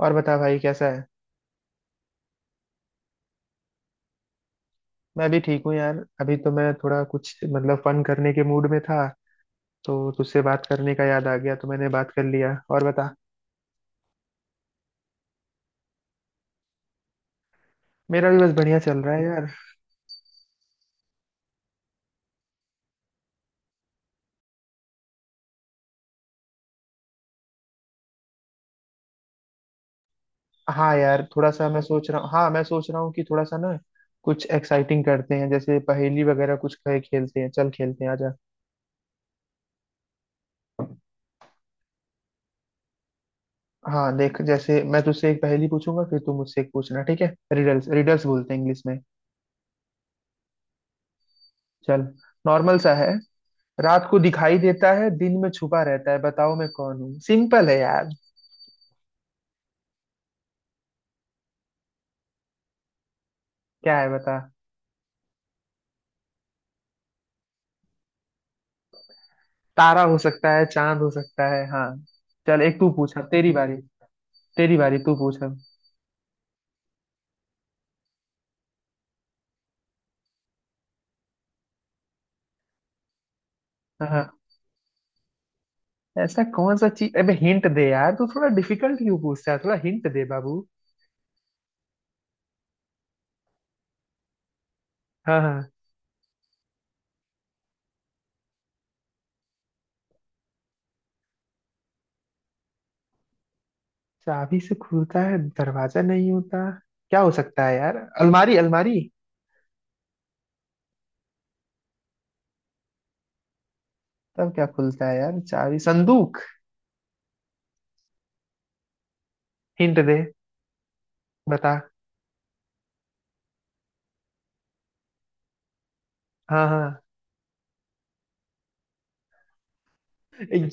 और बता भाई कैसा है। मैं भी ठीक हूँ यार। अभी तो मैं थोड़ा कुछ मतलब फन करने के मूड में था तो तुझसे बात करने का याद आ गया तो मैंने बात कर लिया। और बता। मेरा भी बस बढ़िया चल रहा है यार। हाँ यार थोड़ा सा मैं सोच रहा हूँ। हाँ मैं सोच रहा हूँ कि थोड़ा सा ना कुछ एक्साइटिंग करते हैं। जैसे पहेली वगैरह कुछ खेल खेलते हैं। चल खेलते हैं आजा। हाँ देख, जैसे मैं तुझसे एक पहेली पूछूंगा फिर तू मुझसे एक पूछना, ठीक है। रिडल्स रिडल्स बोलते हैं इंग्लिश में। चल। नॉर्मल सा है। रात को दिखाई देता है, दिन में छुपा रहता है, बताओ मैं कौन हूँ। सिंपल है यार। क्या है बता। तारा हो सकता है, चांद हो सकता है। हाँ चल, एक तू पूछा, तेरी बारी। तेरी बारी, तू पूछा। हाँ हाँ। ऐसा कौन सा चीज, अबे हिंट दे यार, तू थोड़ा डिफिकल्ट क्यों पूछता है, थोड़ा हिंट दे बाबू। हाँ हाँ। चाबी से खुलता है, दरवाजा नहीं होता। क्या हो सकता है यार, अलमारी अलमारी। तब क्या खुलता है यार, चाबी, संदूक? हिंट दे। बता। हाँ हाँ।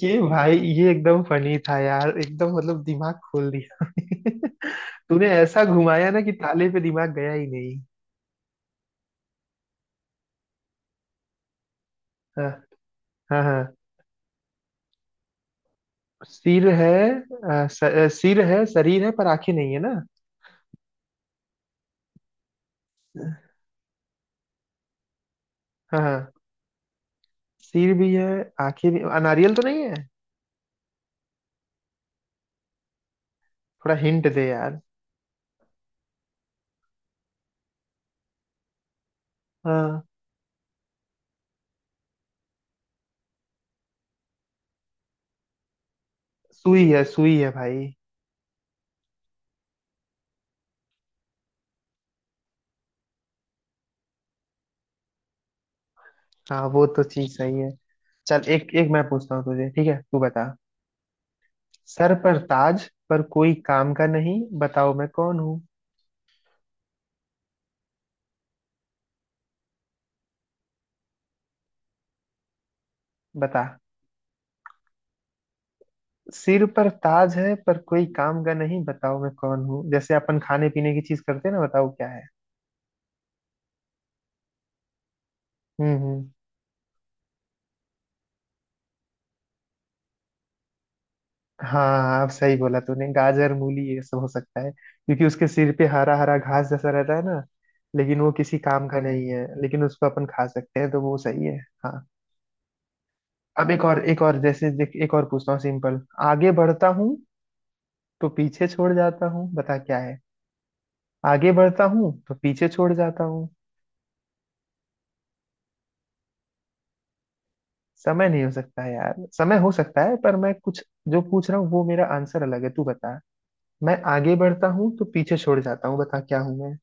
ये भाई ये एकदम फनी था यार, एकदम मतलब दिमाग खोल दिया। तूने ऐसा घुमाया ना कि ताले पे दिमाग गया ही नहीं। हाँ। हाँ हाँ। सिर है अ, स, अ, सिर है, शरीर है पर आंखें नहीं है ना। हाँ हाँ। सिर भी है, आंखें भी, नारियल तो नहीं है? थोड़ा हिंट दे यार। हाँ। सुई है भाई। हाँ वो तो चीज सही है। चल एक एक मैं पूछता हूँ तुझे, ठीक है, तू बता। सर पर ताज पर कोई काम का नहीं, बताओ मैं कौन हूँ। बता। सिर पर ताज है पर कोई काम का नहीं, बताओ मैं कौन हूँ। जैसे अपन खाने पीने की चीज करते हैं ना, बताओ क्या है। हम्म। हाँ अब सही बोला तूने, गाजर मूली ये सब हो सकता है क्योंकि उसके सिर पे हरा हरा घास जैसा रहता है ना। लेकिन वो किसी काम का नहीं है, लेकिन उसको अपन खा सकते हैं तो वो सही है। हाँ। अब एक और, एक और, जैसे देख, एक और पूछता हूँ, सिंपल। आगे बढ़ता हूँ तो पीछे छोड़ जाता हूँ, बता क्या है। आगे बढ़ता हूँ तो पीछे छोड़ जाता हूँ। समय नहीं हो सकता यार, समय हो सकता है पर मैं कुछ जो पूछ रहा हूँ वो मेरा आंसर अलग है, तू बता। मैं आगे बढ़ता हूँ तो पीछे छोड़ जाता हूँ, बता क्या हूँ मैं।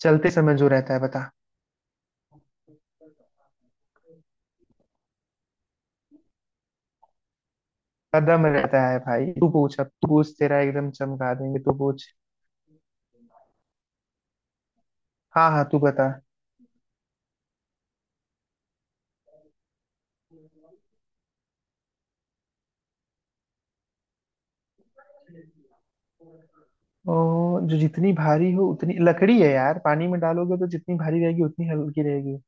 चलते समय जो रहता है, बता। कदम रहता है भाई। तू पूछ, अब तू पूछ, तेरा एकदम चमका देंगे, तू पूछ। हाँ हाँ तू बता। जो जितनी भारी हो उतनी, लकड़ी है यार, पानी में डालोगे तो जितनी भारी रहेगी उतनी हल्की रहेगी।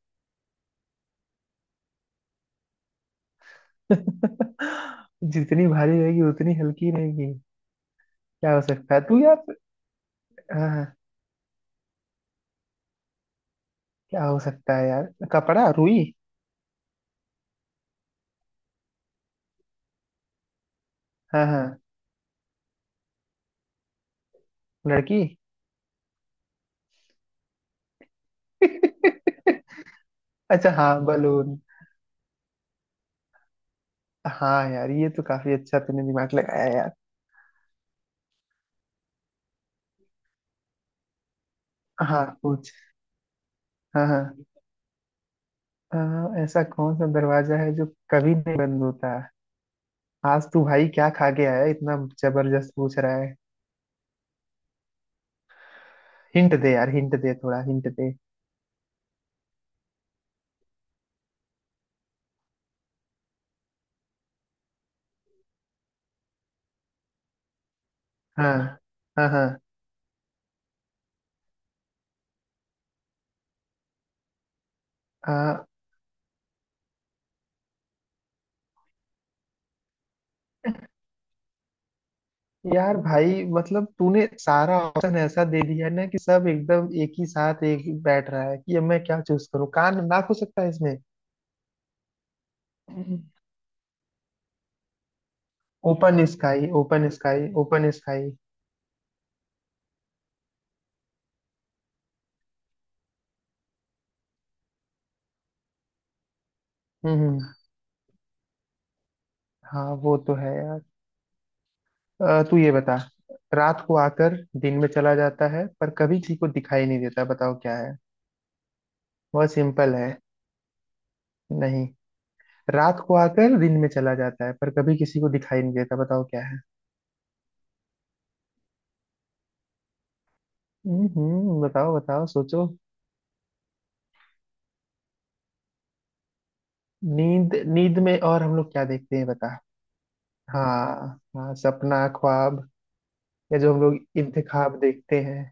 जितनी भारी रहेगी उतनी हल्की रहेगी। क्या हो सकता है तू यार। हाँ हाँ। क्या हो सकता है यार, कपड़ा, रुई? हाँ हाँ। लड़की। अच्छा हाँ, बलून। हाँ यार ये तो काफी अच्छा तूने दिमाग लगाया यार। हाँ पूछ। हाँ हाँ। ऐसा कौन सा दरवाजा है जो कभी नहीं बंद होता? आज तू भाई क्या खा के आया है? इतना जबरदस्त पूछ रहा है। हिंट दे यार, हिंट दे, थोड़ा हिंट दे। हाँ हाँ। हाँ अ, यार भाई मतलब तूने सारा ऑप्शन ऐसा दे दिया है ना कि सब एकदम एक ही साथ एक ही बैठ रहा है कि अब मैं क्या चूज करूँ, कान नाक हो सकता है इसमें। Open sky. हम्म हम्म। हाँ वो तो है यार। तू ये बता, रात को आकर दिन में चला जाता है पर कभी किसी को दिखाई नहीं देता, बताओ क्या है। बहुत सिंपल है। नहीं, रात को आकर दिन में चला जाता है पर कभी किसी को दिखाई नहीं देता, बताओ क्या है। बताओ बताओ सोचो। नींद? नींद में और हम लोग क्या देखते हैं बता। हाँ हाँ, सपना, ख्वाब, या जो हम लोग इंतखाब देखते हैं।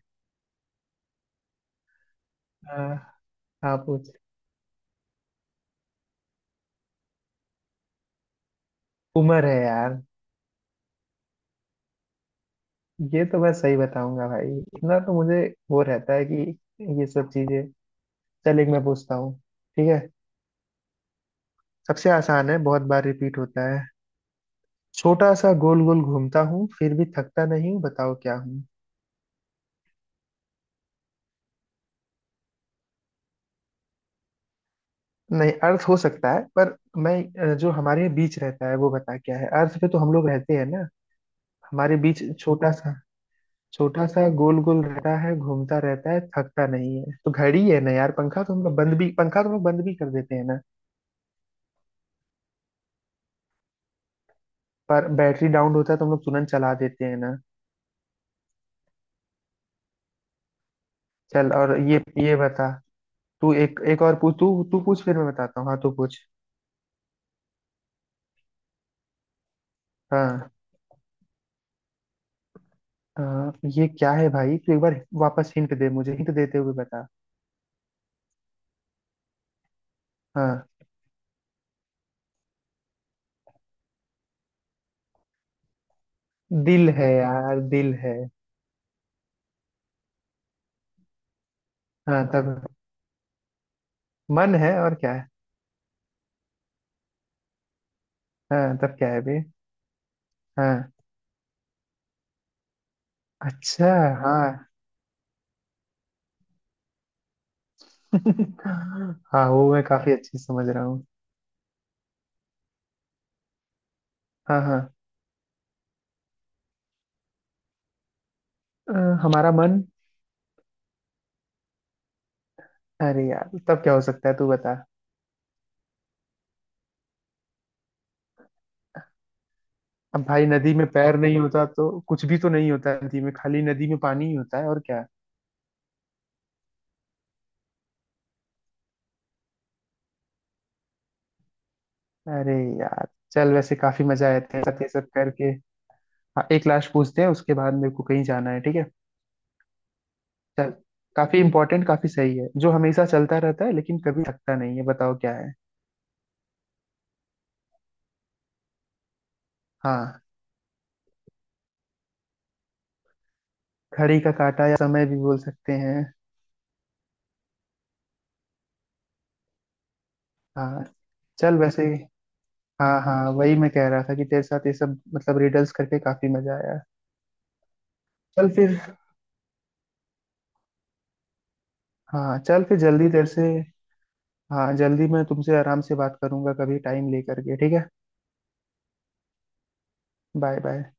हाँ हाँ पूछ। उम्र है यार। ये तो मैं सही बताऊंगा भाई इतना तो मुझे। वो रहता है कि ये सब चीजें। चल एक मैं पूछता हूँ, ठीक है। सबसे आसान है, बहुत बार रिपीट होता है। छोटा सा गोल गोल घूमता हूँ फिर भी थकता नहीं, बताओ क्या हूँ। नहीं अर्थ हो सकता है पर मैं जो हमारे बीच रहता है वो बता क्या है, अर्थ पे तो हम लोग रहते हैं ना, हमारे बीच छोटा सा। छोटा सा गोल गोल रहता है घूमता रहता है थकता नहीं है तो घड़ी है ना यार, पंखा तो हम लोग बंद भी कर देते हैं ना। पर बैटरी डाउन होता है तो हम लोग तुरंत चला देते हैं ना। चल और ये बता। तू एक, एक और पूछ तू तू पूछ फिर मैं बताता हूँ। हाँ तू पूछ। हाँ हाँ, ये क्या है भाई, तू एक बार वापस हिंट दे, मुझे हिंट देते हुए बता। हाँ। दिल है यार, दिल है। हाँ तब मन है, और क्या है? हाँ तब क्या है बे। हाँ। अच्छा। हाँ। हाँ वो मैं काफी अच्छे से समझ रहा हूँ। हाँ हाँ। अ, हमारा मन। अरे यार तब क्या हो सकता है तू बता। अब भाई नदी में पैर नहीं होता तो कुछ भी तो नहीं होता, नदी में खाली नदी में पानी ही होता है और क्या। अरे यार चल, वैसे काफी मजा आया था सब ये सब करके। हाँ एक लास्ट पूछते हैं उसके बाद मेरे को कहीं जाना है, ठीक है। चल। काफी इंपॉर्टेंट, काफी सही है। जो हमेशा चलता रहता है लेकिन कभी थकता नहीं है, बताओ क्या है। हाँ। घड़ी का काटा या समय भी बोल सकते हैं। हाँ। चल वैसे, हाँ हाँ वही मैं कह रहा था कि तेरे साथ ये सब मतलब रिडल्स करके काफी मजा आया। चल फिर, हाँ चल फिर जल्दी तेरे से। हाँ जल्दी मैं तुमसे आराम से बात करूंगा कभी टाइम लेकर के, ठीक है। Bye bye.